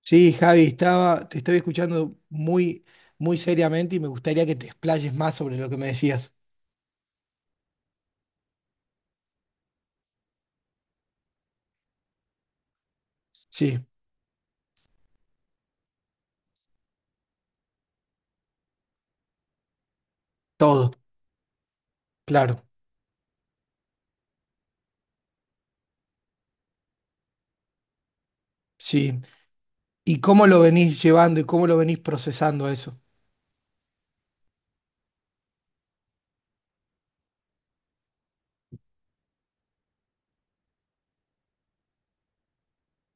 Sí, Javi, te estaba escuchando muy seriamente y me gustaría que te explayes más sobre lo que me decías. Sí, todo, claro, sí. ¿Y cómo lo venís llevando y cómo lo venís procesando a eso?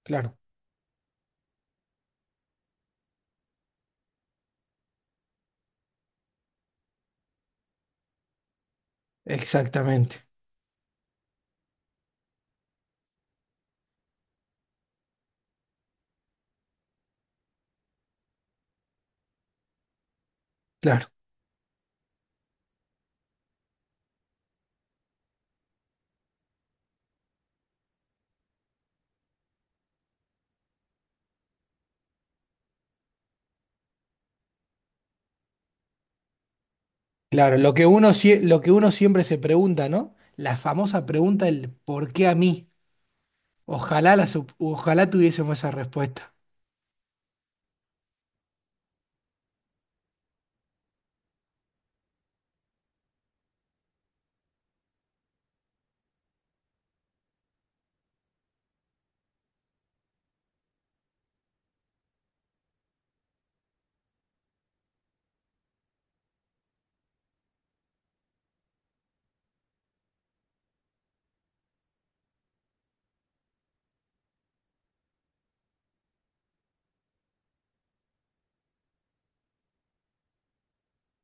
Claro, exactamente, claro, claro. Lo que uno, lo que uno siempre se pregunta, ¿no? La famosa pregunta del ¿por qué a mí? Ojalá, ojalá tuviésemos esa respuesta.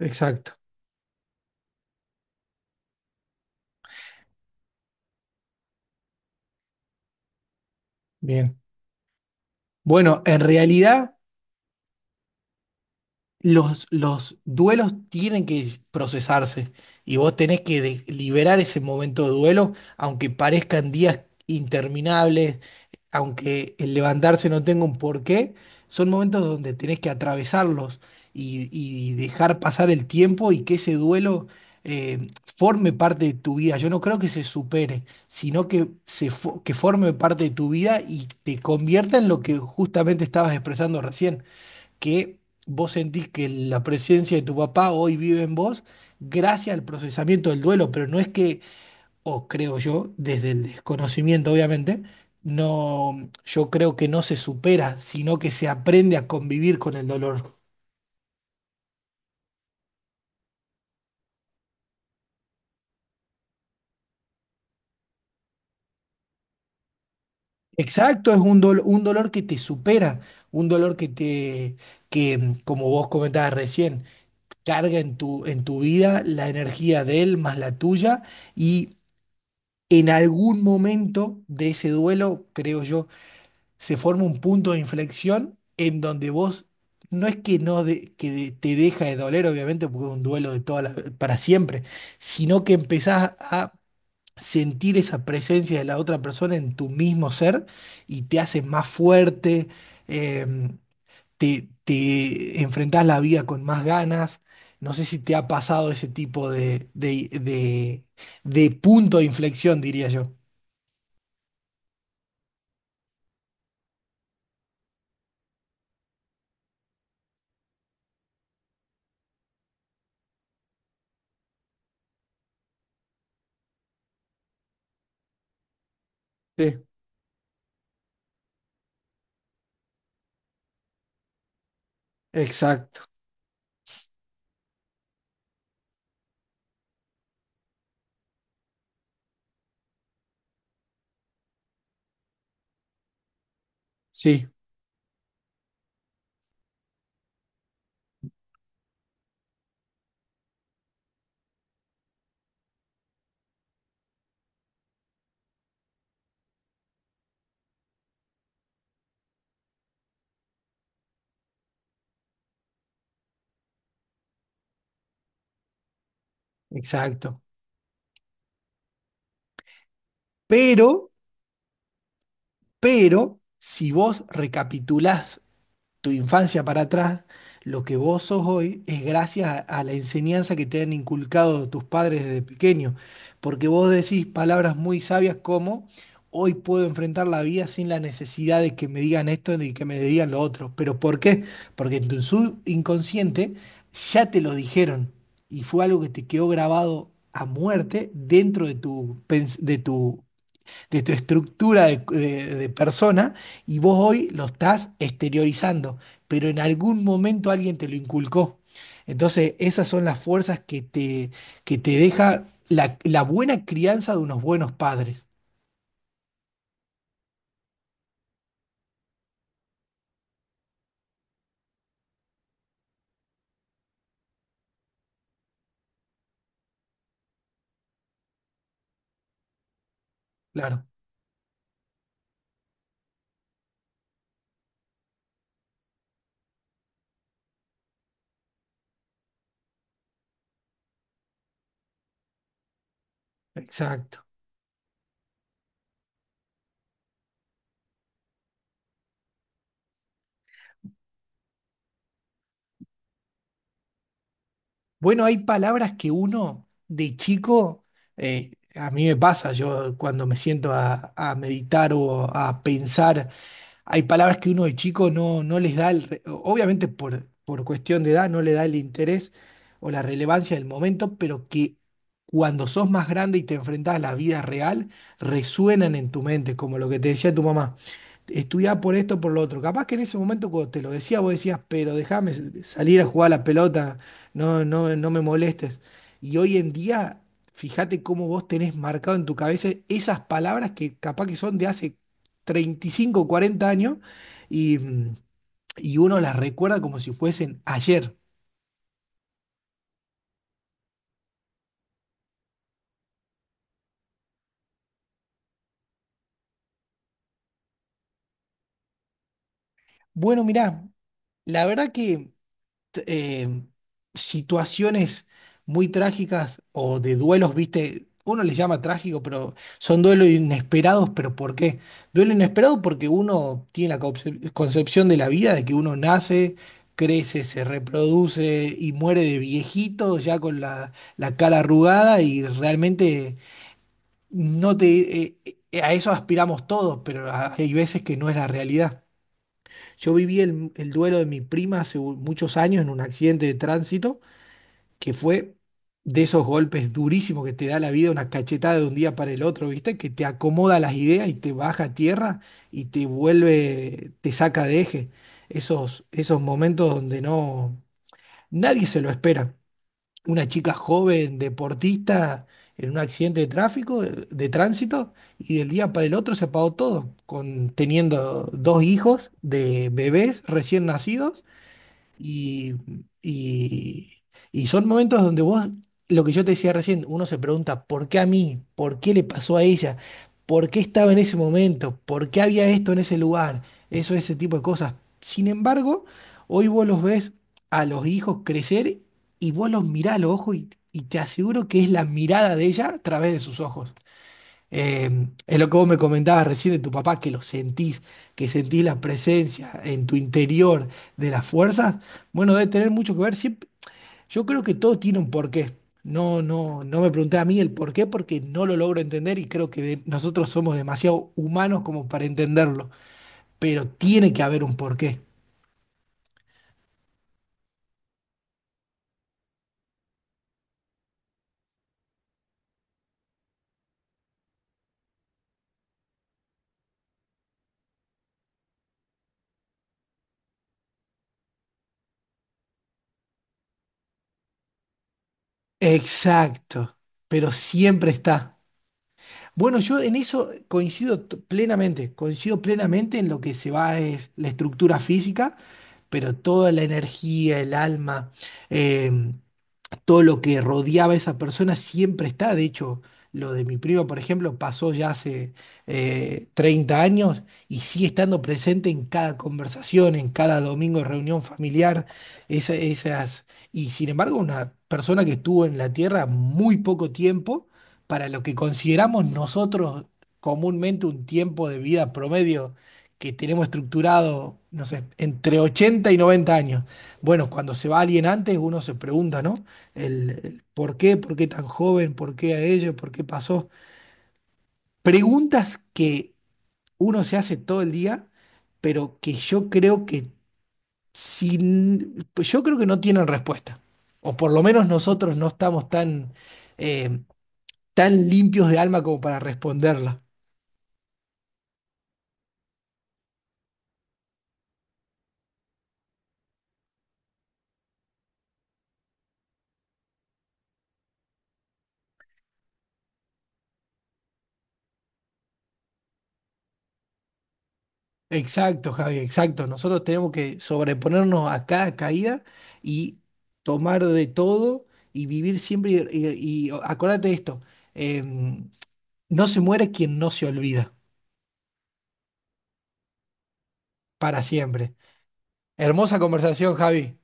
Exacto, bien. Bueno, en realidad... los duelos tienen que procesarse y vos tenés que liberar ese momento de duelo, aunque parezcan días interminables, aunque el levantarse no tenga un porqué, son momentos donde tenés que atravesarlos y dejar pasar el tiempo y que ese duelo eh, forme parte de tu vida. Yo no creo que se supere, sino que, que forme parte de tu vida y te convierta en lo que justamente estabas expresando recién que vos sentís que la presencia de tu papá hoy vive en vos gracias al procesamiento del duelo, pero no es que, o creo yo, desde el desconocimiento obviamente, no, yo creo que no se supera, sino que se aprende a convivir con el dolor. Exacto, es un, un dolor que te supera, un dolor que te, que como vos comentabas recién, carga en tu vida la energía de él más la tuya y en algún momento de ese duelo, creo yo, se forma un punto de inflexión en donde vos no es que no de- que de- te deja de doler, obviamente, porque es un duelo de para siempre, sino que empezás a sentir esa presencia de la otra persona en tu mismo ser y te haces más fuerte, em, te enfrentás la vida con más ganas. No sé si te ha pasado ese tipo de punto de inflexión, diría yo. Sí, Exacto, sí, exacto. Pero Pero si vos recapitulás tu infancia para atrás, lo que vos sos hoy es gracias a la enseñanza que te han inculcado tus padres desde pequeño, porque vos decís palabras muy sabias como hoy puedo enfrentar la vida sin la necesidad de que me digan esto y que me digan lo otro. ¿Pero por qué? Porque en tu subconsciente ya te lo dijeron y fue algo que te quedó grabado a muerte dentro de tu, de tu de tu estructura de persona y vos hoy lo estás exteriorizando, pero en algún momento alguien te lo inculcó. Entonces, esas son las fuerzas que te deja la, la buena crianza de unos buenos padres. Claro, exacto. Bueno, hay palabras que uno de chico, a mí me pasa, yo cuando me siento a meditar o a pensar hay palabras que uno de chico no, no les da, obviamente por cuestión de edad, no le da el interés o la relevancia del momento, pero que cuando sos más grande y te enfrentás a la vida real, resuenan en tu mente, como lo que te decía tu mamá. Estudiá por esto, por lo otro. Capaz que en ese momento cuando te lo decía, vos decías, pero déjame salir a jugar a la pelota, no me molestes. Y hoy en día, fíjate cómo vos tenés marcado en tu cabeza esas palabras que capaz que son de hace 35, 40 años y, y uno las recuerda como si fuesen ayer. Bueno, mirá, la verdad que t- eh, situaciones muy trágicas o de duelos, viste, uno les llama trágico, pero son duelos inesperados, pero ¿por qué? Duelo inesperado porque uno tiene la concepción de la vida, de que uno nace, crece, se reproduce y muere de viejito, ya con la, la cara arrugada y realmente No te, a eso aspiramos todos, pero hay veces que no es la realidad. Yo viví el duelo de mi prima hace muchos años en un accidente de tránsito que fue de esos golpes durísimos que te da la vida, una cachetada de un día para el otro, ¿viste? Que te acomoda las ideas y te baja a tierra y te vuelve, te saca de eje. Esos, esos momentos donde no, nadie se lo espera, una chica joven, deportista, en un accidente de tráfico, de tránsito, y del día para el otro se apagó todo, con, teniendo dos hijos de bebés recién nacidos y, y, y son momentos donde vos, lo que yo te decía recién, uno se pregunta, ¿por qué a mí? ¿Por qué le pasó a ella? ¿Por qué estaba en ese momento? ¿Por qué había esto en ese lugar? Eso, ese tipo de cosas. Sin embargo, hoy vos los ves a los hijos crecer y vos los mirás a los ojos y te aseguro que es la mirada de ella a través de sus ojos. Es lo que vos me comentabas recién de tu papá, que lo sentís, que sentís la presencia en tu interior de las fuerzas. Bueno, debe tener mucho que ver. Yo creo que todo tiene un porqué. No, no, no me pregunté a mí el porqué porque no lo logro entender y creo que nosotros somos demasiado humanos como para entenderlo. Pero tiene que haber un porqué. Exacto. Pero siempre está. Bueno, yo en eso coincido plenamente, coincido plenamente en lo que se va es la estructura física, pero toda la energía, el alma. eh, todo lo que rodeaba a esa persona siempre está. De hecho, lo de mi prima, por ejemplo, pasó ya hace 30 años y sigue estando presente en cada conversación, en cada domingo de reunión familiar, esas. Y sin embargo, una persona que estuvo en la Tierra muy poco tiempo para lo que consideramos nosotros comúnmente un tiempo de vida promedio. Que tenemos estructurado, no sé, entre 80 y 90 años. Bueno, cuando se va alguien antes, uno se pregunta, ¿no? El por qué tan joven, por qué a ellos por qué pasó. Preguntas que uno se hace todo el día, pero que yo creo que sin, pues yo creo que no tienen respuesta. O por lo menos nosotros no estamos tan, eh, tan limpios de alma como para responderla. Exacto, Javi, exacto. Nosotros tenemos que sobreponernos a cada caída y tomar de todo y vivir siempre. Y acuérdate de esto: eh, no se muere quien no se olvida, para siempre. Hermosa conversación, Javi.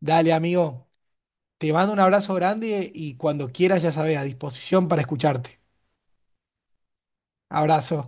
Dale, amigo. Te mando un abrazo grande y cuando quieras, ya sabes, a disposición para escucharte. Abrazo.